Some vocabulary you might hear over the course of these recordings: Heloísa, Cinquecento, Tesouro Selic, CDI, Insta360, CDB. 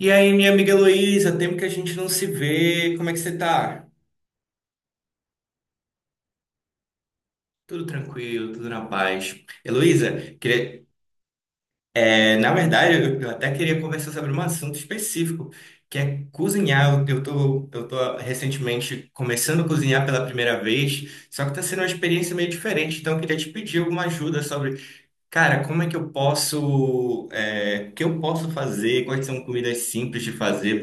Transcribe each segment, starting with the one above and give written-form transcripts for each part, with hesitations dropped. E aí, minha amiga Heloísa, tempo que a gente não se vê, como é que você tá? Tudo tranquilo, tudo na paz. Heloísa, queria- na verdade, eu até queria conversar sobre um assunto específico, que é cozinhar. Eu tô recentemente começando a cozinhar pela primeira vez, só que tá sendo uma experiência meio diferente, então eu queria te pedir alguma ajuda sobre. Cara, como é que eu posso, é, o que eu posso fazer? Quais são comidas simples de fazer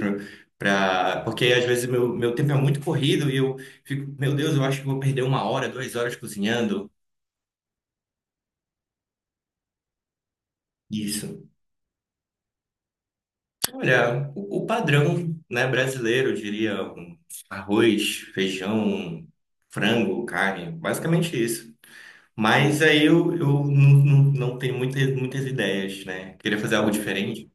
para, porque às vezes meu tempo é muito corrido e eu fico, meu Deus, eu acho que vou perder uma hora, duas horas cozinhando. Isso. Olha, o padrão, né, brasileiro, eu diria, um arroz, feijão, frango, carne, basicamente isso. Mas aí eu não tenho muitas ideias, né? Queria fazer algo diferente.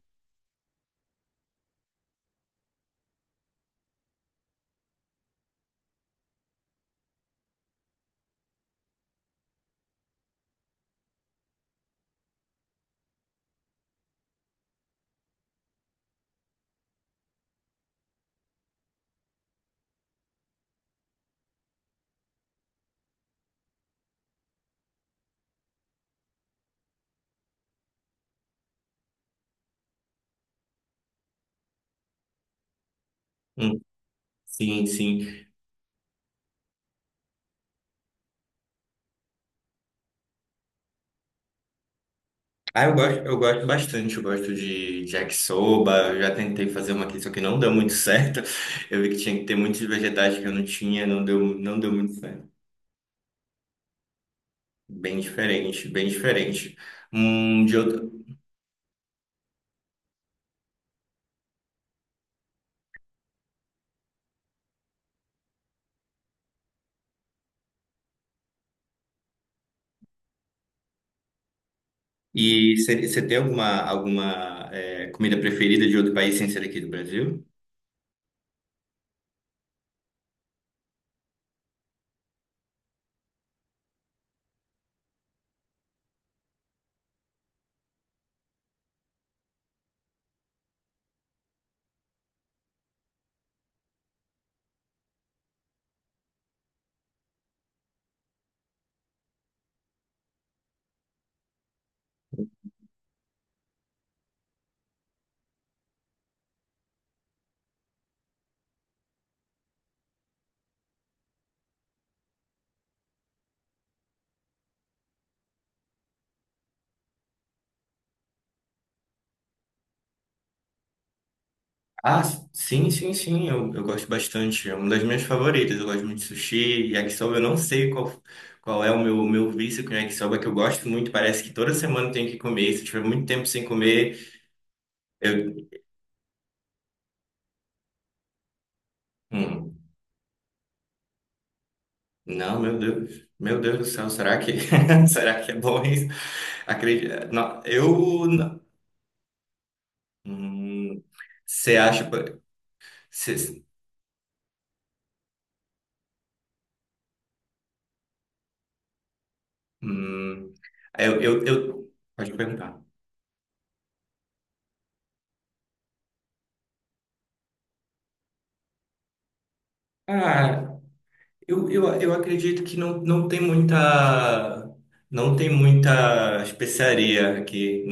Hum, sim, sim. Ah, eu gosto bastante, eu gosto de yakisoba, eu já tentei fazer uma aqui, só que não deu muito certo. Eu vi que tinha que ter muitos vegetais que eu não tinha, não deu muito certo. Bem diferente, bem diferente. De outro... E você tem alguma, alguma comida preferida de outro país sem ser aqui do Brasil? Ah, sim, sim, sim, eu gosto bastante. É uma das minhas favoritas. Eu gosto muito de sushi, yakisoba. Eu não sei qual, qual é o meu vício com yakisoba, que eu gosto muito. Parece que toda semana eu tenho que comer. Se eu tiver muito tempo sem comer, eu. Hum, não, meu Deus. Meu Deus do céu, será que, será que é bom isso? Acredito. Não, eu. Hum, Você acha. Cê, hum, eu. Pode perguntar. Ah, eu acredito que não tem muita, não tem muita especiaria aqui.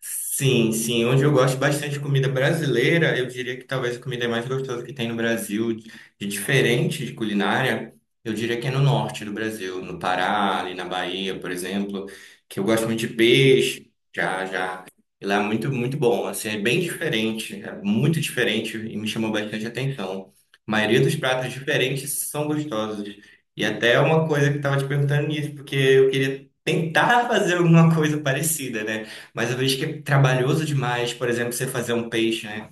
Sim, sim. Onde eu gosto bastante de comida brasileira, eu diria que talvez a comida mais gostosa que tem no Brasil, de diferente de culinária, eu diria que é no norte do Brasil, no Pará, ali na Bahia, por exemplo, que eu gosto muito de peixe, já, já. E lá é muito, muito bom. Assim, é bem diferente, é muito diferente e me chamou bastante atenção. A maioria dos pratos diferentes são gostosos. E até uma coisa que eu estava te perguntando nisso, porque eu queria tentar fazer alguma coisa parecida, né? Mas eu vejo que é trabalhoso demais, por exemplo, você fazer um peixe, né?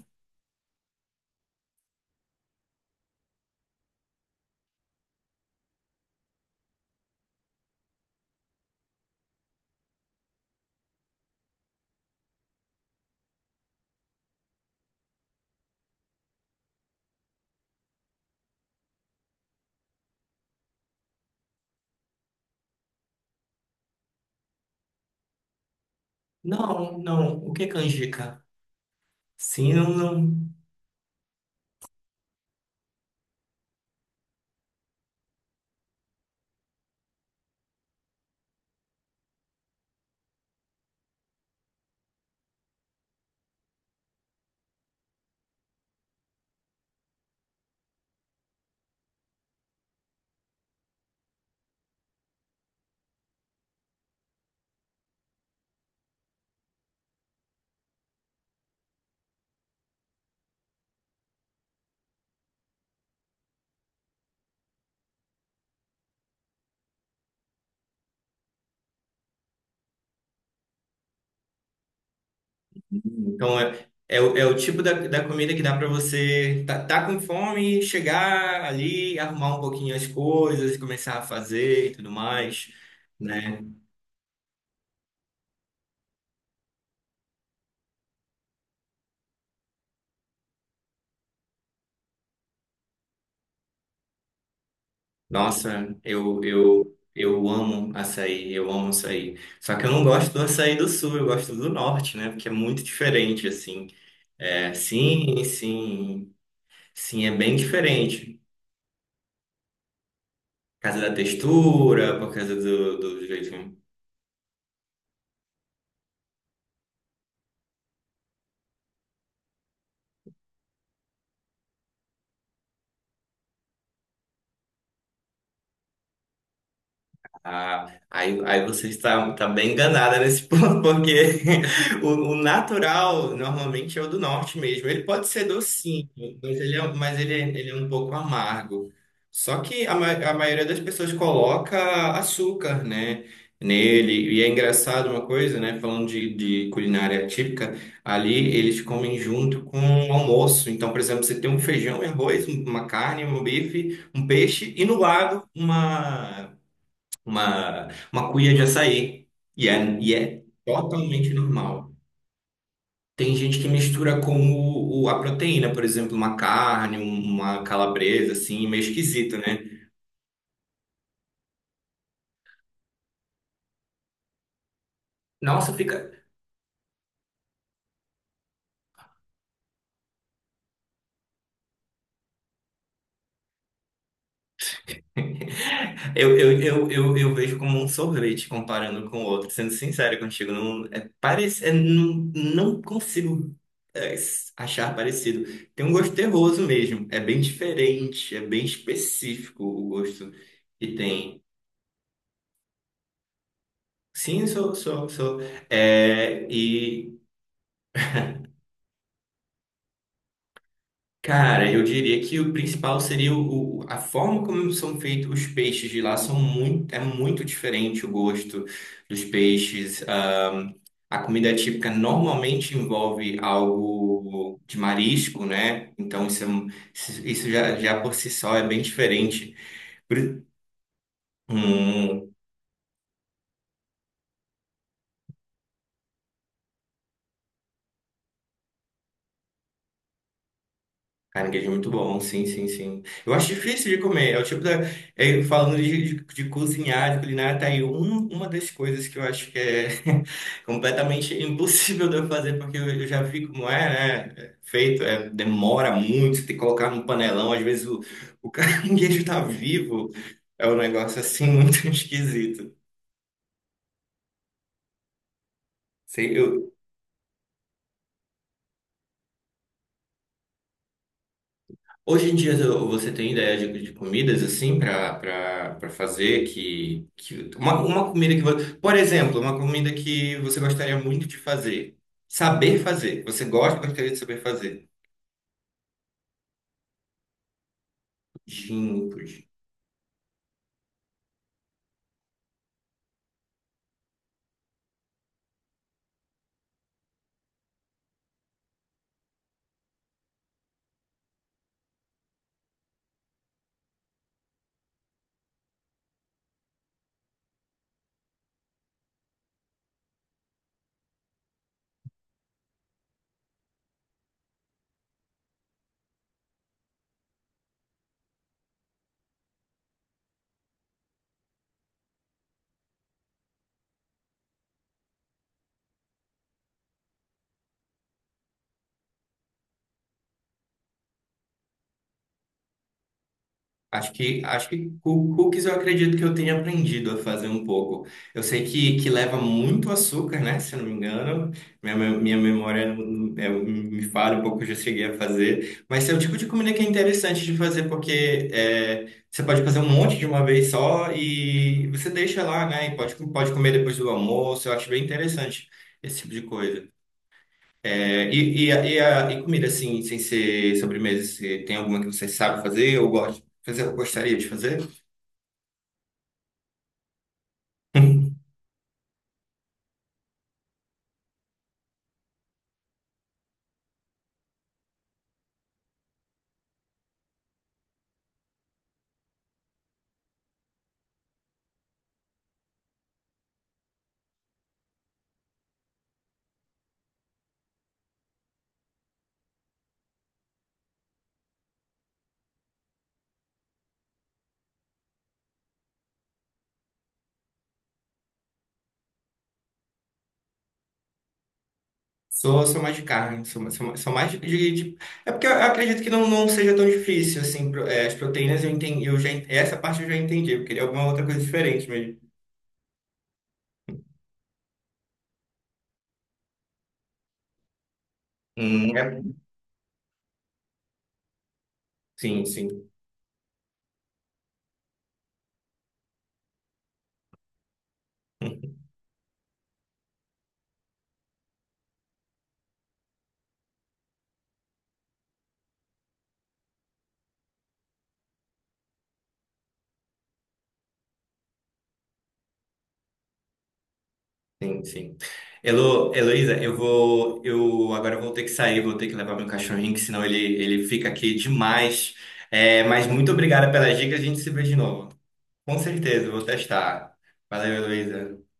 Não, não. O que é canjica? Sim, não, não. Então, é o tipo da, da comida que dá pra você tá, tá com fome, chegar ali, arrumar um pouquinho as coisas, começar a fazer e tudo mais, né? Nossa, eu amo açaí, eu amo açaí. Só que eu não gosto do açaí do sul, eu gosto do norte, né? Porque é muito diferente, assim. É, sim, sim. Sim, é bem diferente. Por causa da textura, por causa do, do jeito. Ah, aí você está, está bem enganada nesse ponto, porque o natural normalmente é o do norte mesmo. Ele pode ser docinho, mas ele é um pouco amargo. Só que a maioria das pessoas coloca açúcar, né, nele. E é engraçado uma coisa, né, falando de culinária típica, ali eles comem junto com o almoço. Então, por exemplo, você tem um feijão e arroz, uma carne, um bife, um peixe e no lado uma cuia de açaí. E é totalmente normal. Tem gente que mistura com a proteína, por exemplo, uma carne, uma calabresa, assim, meio esquisito, né? Nossa, fica. Eu vejo como um sorvete comparando com o outro, sendo sincero contigo. Não, não consigo achar parecido. Tem um gosto terroso mesmo. É bem diferente, é bem específico o gosto que tem. Sim, sou, sou, sou. É, e, cara, eu diria que o principal seria a forma como são feitos os peixes de lá são muito, é muito diferente o gosto dos peixes. A comida típica normalmente envolve algo de marisco, né? Isso já, já por si só é bem diferente. Por- um, Caranguejo é muito bom, sim, sim, sim. Eu acho difícil de comer. É o tipo da. Falando de, de cozinhar, de culinária, tá aí uma das coisas que eu acho que é completamente impossível de eu fazer, porque eu já vi como é, né? É feito, é, demora muito, tem que colocar no panelão. Às vezes o caranguejo tá vivo. É um negócio assim muito esquisito. Sei, eu, Hoje em dia você tem ideia de comidas assim para para fazer uma comida que você, por exemplo, uma comida que você gostaria muito de fazer, saber fazer, você gosta, gostaria de saber fazer. Pudim, pudim. Acho que cookies eu acredito que eu tenha aprendido a fazer um pouco. Eu sei que leva muito açúcar, né? Se eu não me engano, minha memória me falha um pouco, eu já cheguei a fazer. Mas esse é o tipo de comida que é interessante de fazer, porque é, você pode fazer um monte de uma vez só e você deixa lá, né? E pode, pode comer depois do almoço. Eu acho bem interessante esse tipo de coisa. E comida, assim, sem ser sobremesa, você tem alguma que você sabe fazer ou gosta, fazer, gostaria de fazer? Sou, sou mais de carne, sou, sou, sou mais de é porque eu acredito que não, não seja tão difícil, assim, é, as proteínas eu entendi, essa parte eu já entendi, eu queria alguma outra coisa diferente mesmo. É, sim, sim. Sim, sim. Heloísa, eu agora eu vou ter que sair, vou ter que levar meu cachorrinho, que senão ele fica aqui demais. É, mas muito obrigada pelas dicas, a gente se vê de novo. Com certeza, eu vou testar. Valeu, Heloísa.